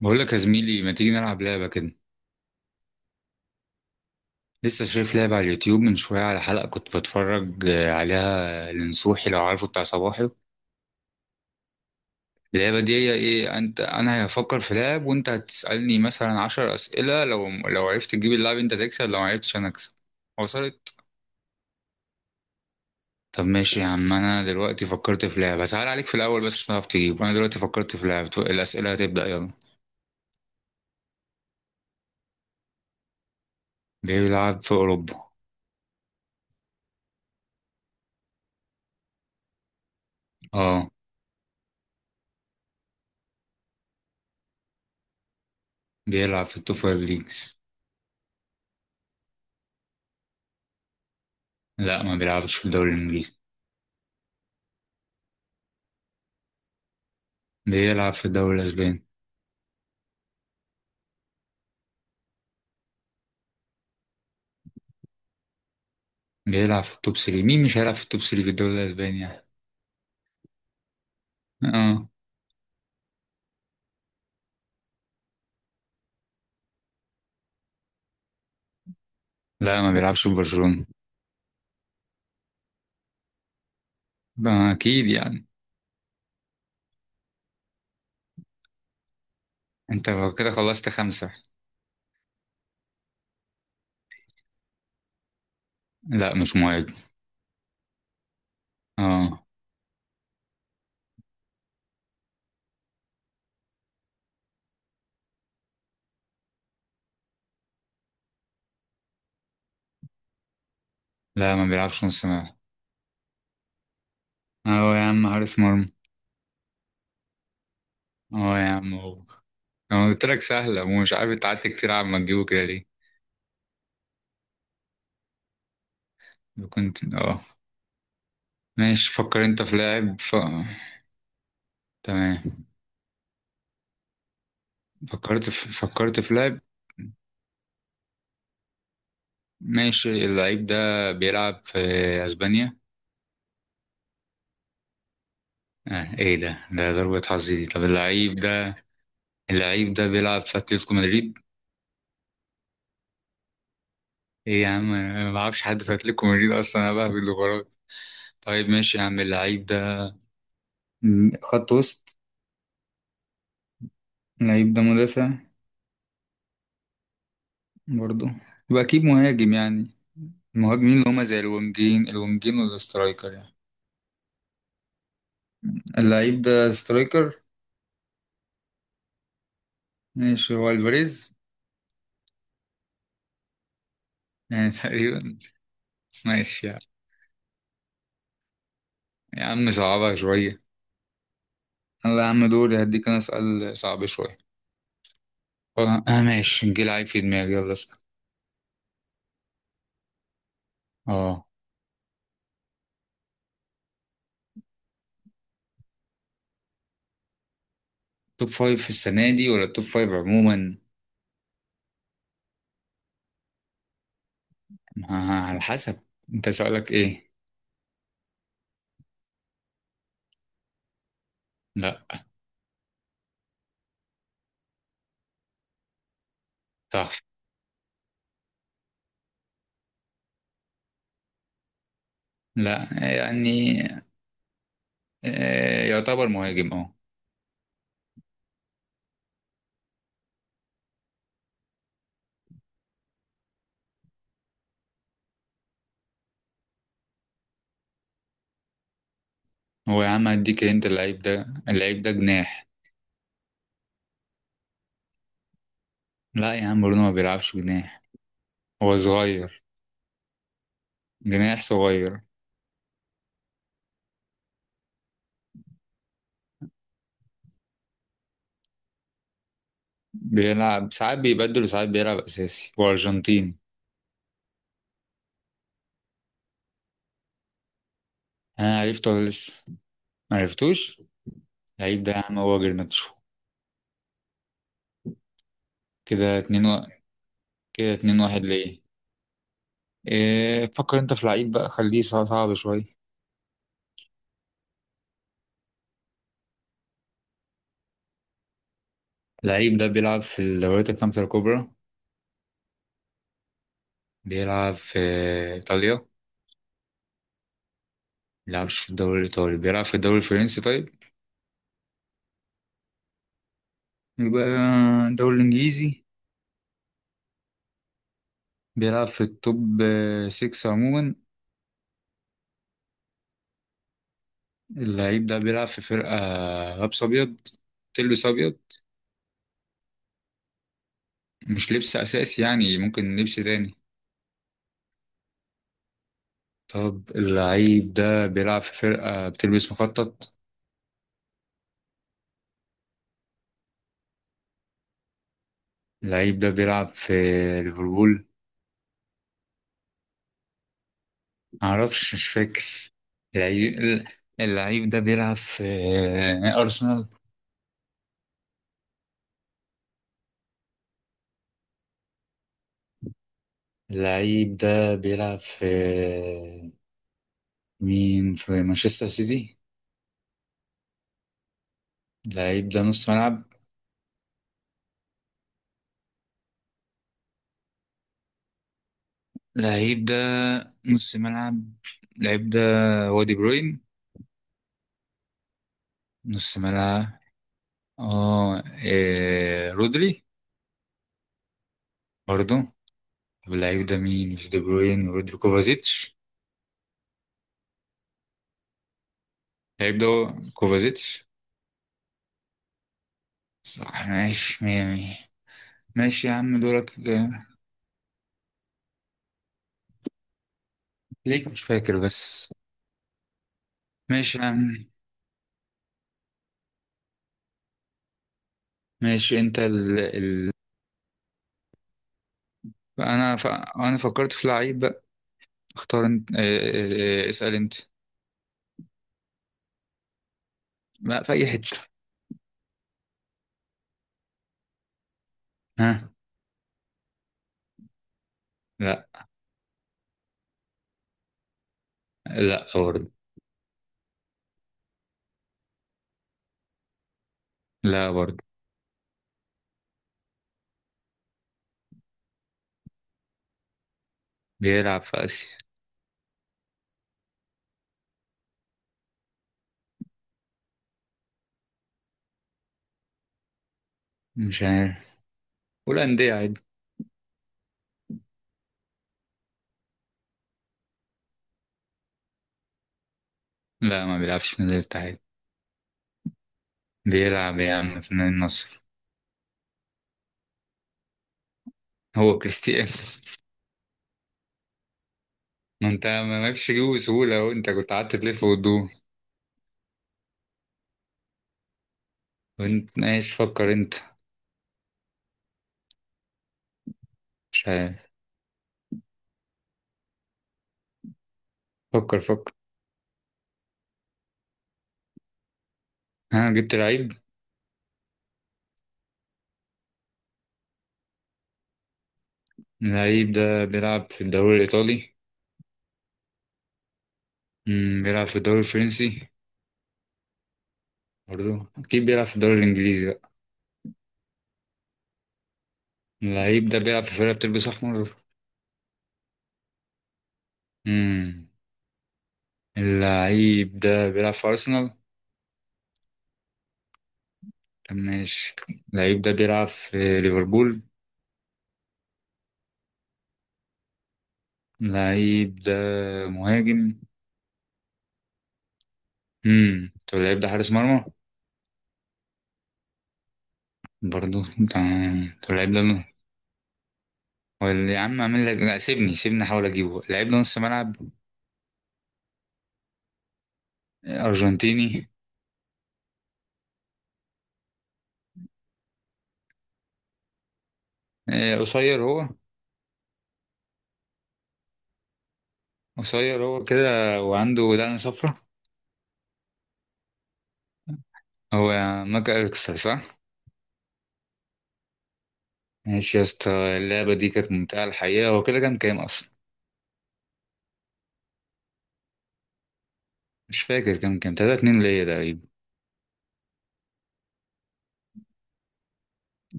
بقول لك يا زميلي، ما تيجي نلعب لعبة كده؟ لسه شايف لعبة على اليوتيوب من شوية، على حلقة كنت بتفرج عليها لنصوحي، لو عارفه، بتاع صباحي. اللعبة دي هي ايه، انت انا هفكر في لعب وانت هتسألني مثلا عشر أسئلة، لو عرفت تجيب اللعب انت تكسب، لو معرفتش انا اكسب. وصلت؟ طب ماشي يا عم، انا دلوقتي فكرت في لعبة سهل عليك في الاول بس مش هتعرف تجيب، انا دلوقتي فكرت في لعبة، الأسئلة هتبدأ، يلا. بيلعب في اوروبا. اه. بيلعب في التوب فايف ليجز. لا، ما بيلعبش في الدوري الانجليزي. بيلعب في الدوري الاسباني. بيلعب في التوب 3، مين مش هيلعب في التوب 3 في الدوري الاسباني يعني. اه. لا، ما بيلعبش في برشلونة. ده اكيد يعني. انت كده خلصت خمسة. لا، مش مهاجم. اه. لا، ما بيلعبش نص ملعب. اه يا عم، حارس مرمى. اه يا عم، هو. انا قلت لك سهلة ومش عارف انت قعدت كتير على ما تجيبه كده ليه. كنت، اه. ماشي فكر انت في لاعب تمام. فكرت في لاعب. ماشي اللعيب ده بيلعب في اسبانيا. آه ايه ده ضربة حظ دي، طب اللعيب ده، اللعيب ده بيلعب في اتلتيكو مدريد. ايه يا عم، انا ما اعرفش حد في اتلتيكو مدريد اصلا، انا بهبد الغرات. طيب ماشي يا عم، اللعيب ده خط وسط. اللعيب ده مدافع. برضه. يبقى اكيد مهاجم يعني. المهاجمين اللي هما زي الونجين الونجين والاسترايكر يعني. اللعيب ده سترايكر. ماشي هو الفاريز. يعني تقريبا. ماشي يعني. يا عم صعبها شوية. يلا يا عم، دوري هديك انا سؤال صعب شوية. اه، ماشي نجيل لعيب في دماغي، يلا اسأل. اه، توب فايف في السنة دي ولا توب فايف عموما؟ آه، على حسب انت سؤالك ايه. لا. صح. لا. يعني يعتبر مهاجم، اه. هو يا عم هديك انت، اللعيب ده جناح. لا يا عم، برونو ما بيلعبش جناح. هو صغير. جناح صغير. بيلعب ساعات بيبدل وساعات بيلعب اساسي، هو ارجنتيني. انا عرفته ولا لسه؟ معرفتوش. اللعيب ده يا عم هو جرناتشو. كده كده اتنين واحد ليه. إيه فكر انت في لعيب بقى، خليه صعب شوية. اللعيب ده بيلعب في الدوريات الخمسة الكبرى. بيلعب في إيطاليا. بيلعبش في الدوري الإيطالي، بيلعب في الدوري الفرنسي طيب. يبقى الدوري الإنجليزي. بيلعب في التوب 6 عموما. اللعيب ده بيلعب في فرقة لابس أبيض، تلبس أبيض. مش لبس أساسي يعني ممكن لبس تاني. طب اللعيب ده بيلعب في فرقة بتلبس مخطط. اللعيب ده بيلعب في ليفربول. معرفش مش فاكر. اللعيب اللعيب ده بيلعب في أرسنال. اللعيب ده بيلعب في مين في مانشستر سيتي. اللعيب ده نص ملعب. اللعيب ده نص ملعب. اللعيب ده وادي بروين. نص ملعب. اه رودري. برضو. طب اللعيب ده مين، مش دي بروين، رودري، كوفازيتش. اللعيب ده هو كوفازيتش. صح ماشي مية مية. ماشي يا عم دورك. ليك مش فاكر بس. ماشي يا عم. ماشي انت انا فكرت في لعيب بقى. اختار انت، اسأل انت. لا، في اي حتة. ها. لا. لا برضه. لا برضه. بيلعب في اسيا. مش عارف. والأندية عادي. لا، ما بيلعبش في نادي الاتحاد. بيلعب يا عم في نادي النصر. هو كريستيانو ما انت مالكش جيبه بسهولة اهو، انت كنت قعدت تلف وتدور. وانت ماشي فكر انت. مش عارف. فكر فكر. ها، جبت لعيب؟ اللعيب ده بيلعب في الدوري الإيطالي. بيلعب في الدوري الفرنسي. برضه أكيد بيلعب في الدوري الإنجليزي بقى. اللعيب ده بيلعب في فرقة بتلبس أحمر. مم. اللعيب ده بيلعب في أرسنال. طب ماشي. اللعيب ده بيلعب في ليفربول. اللعيب ده مهاجم. مم. طب اللعيب ده حارس مرمى. برضه. تمام طب اللعيب ده ولا يا عم اعمل لك، لا، سيبني سيبني احاول اجيبه. اللعيب ده نص ملعب. ارجنتيني. قصير هو. قصير هو كده وعنده دقن صفرا. هو ماك أليكسر صح؟ ماشي يا اسطى. اللعبة دي كانت ممتعة الحقيقة، هو كده كام كام أصلا؟ مش فاكر، كام كام تلاتة اتنين ليا تقريبا.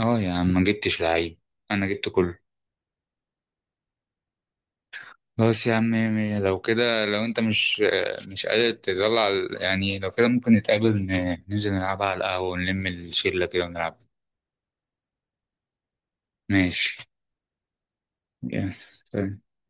اه يا عم ما جبتش لعيب. أنا جبت كله. خلاص يا عم مية مية. لو كده لو أنت مش قادر تظل على يعني، لو كده ممكن نتقابل ننزل نلعبها على القهوة ونلم الشلة كده ونلعب. ماشي يلا.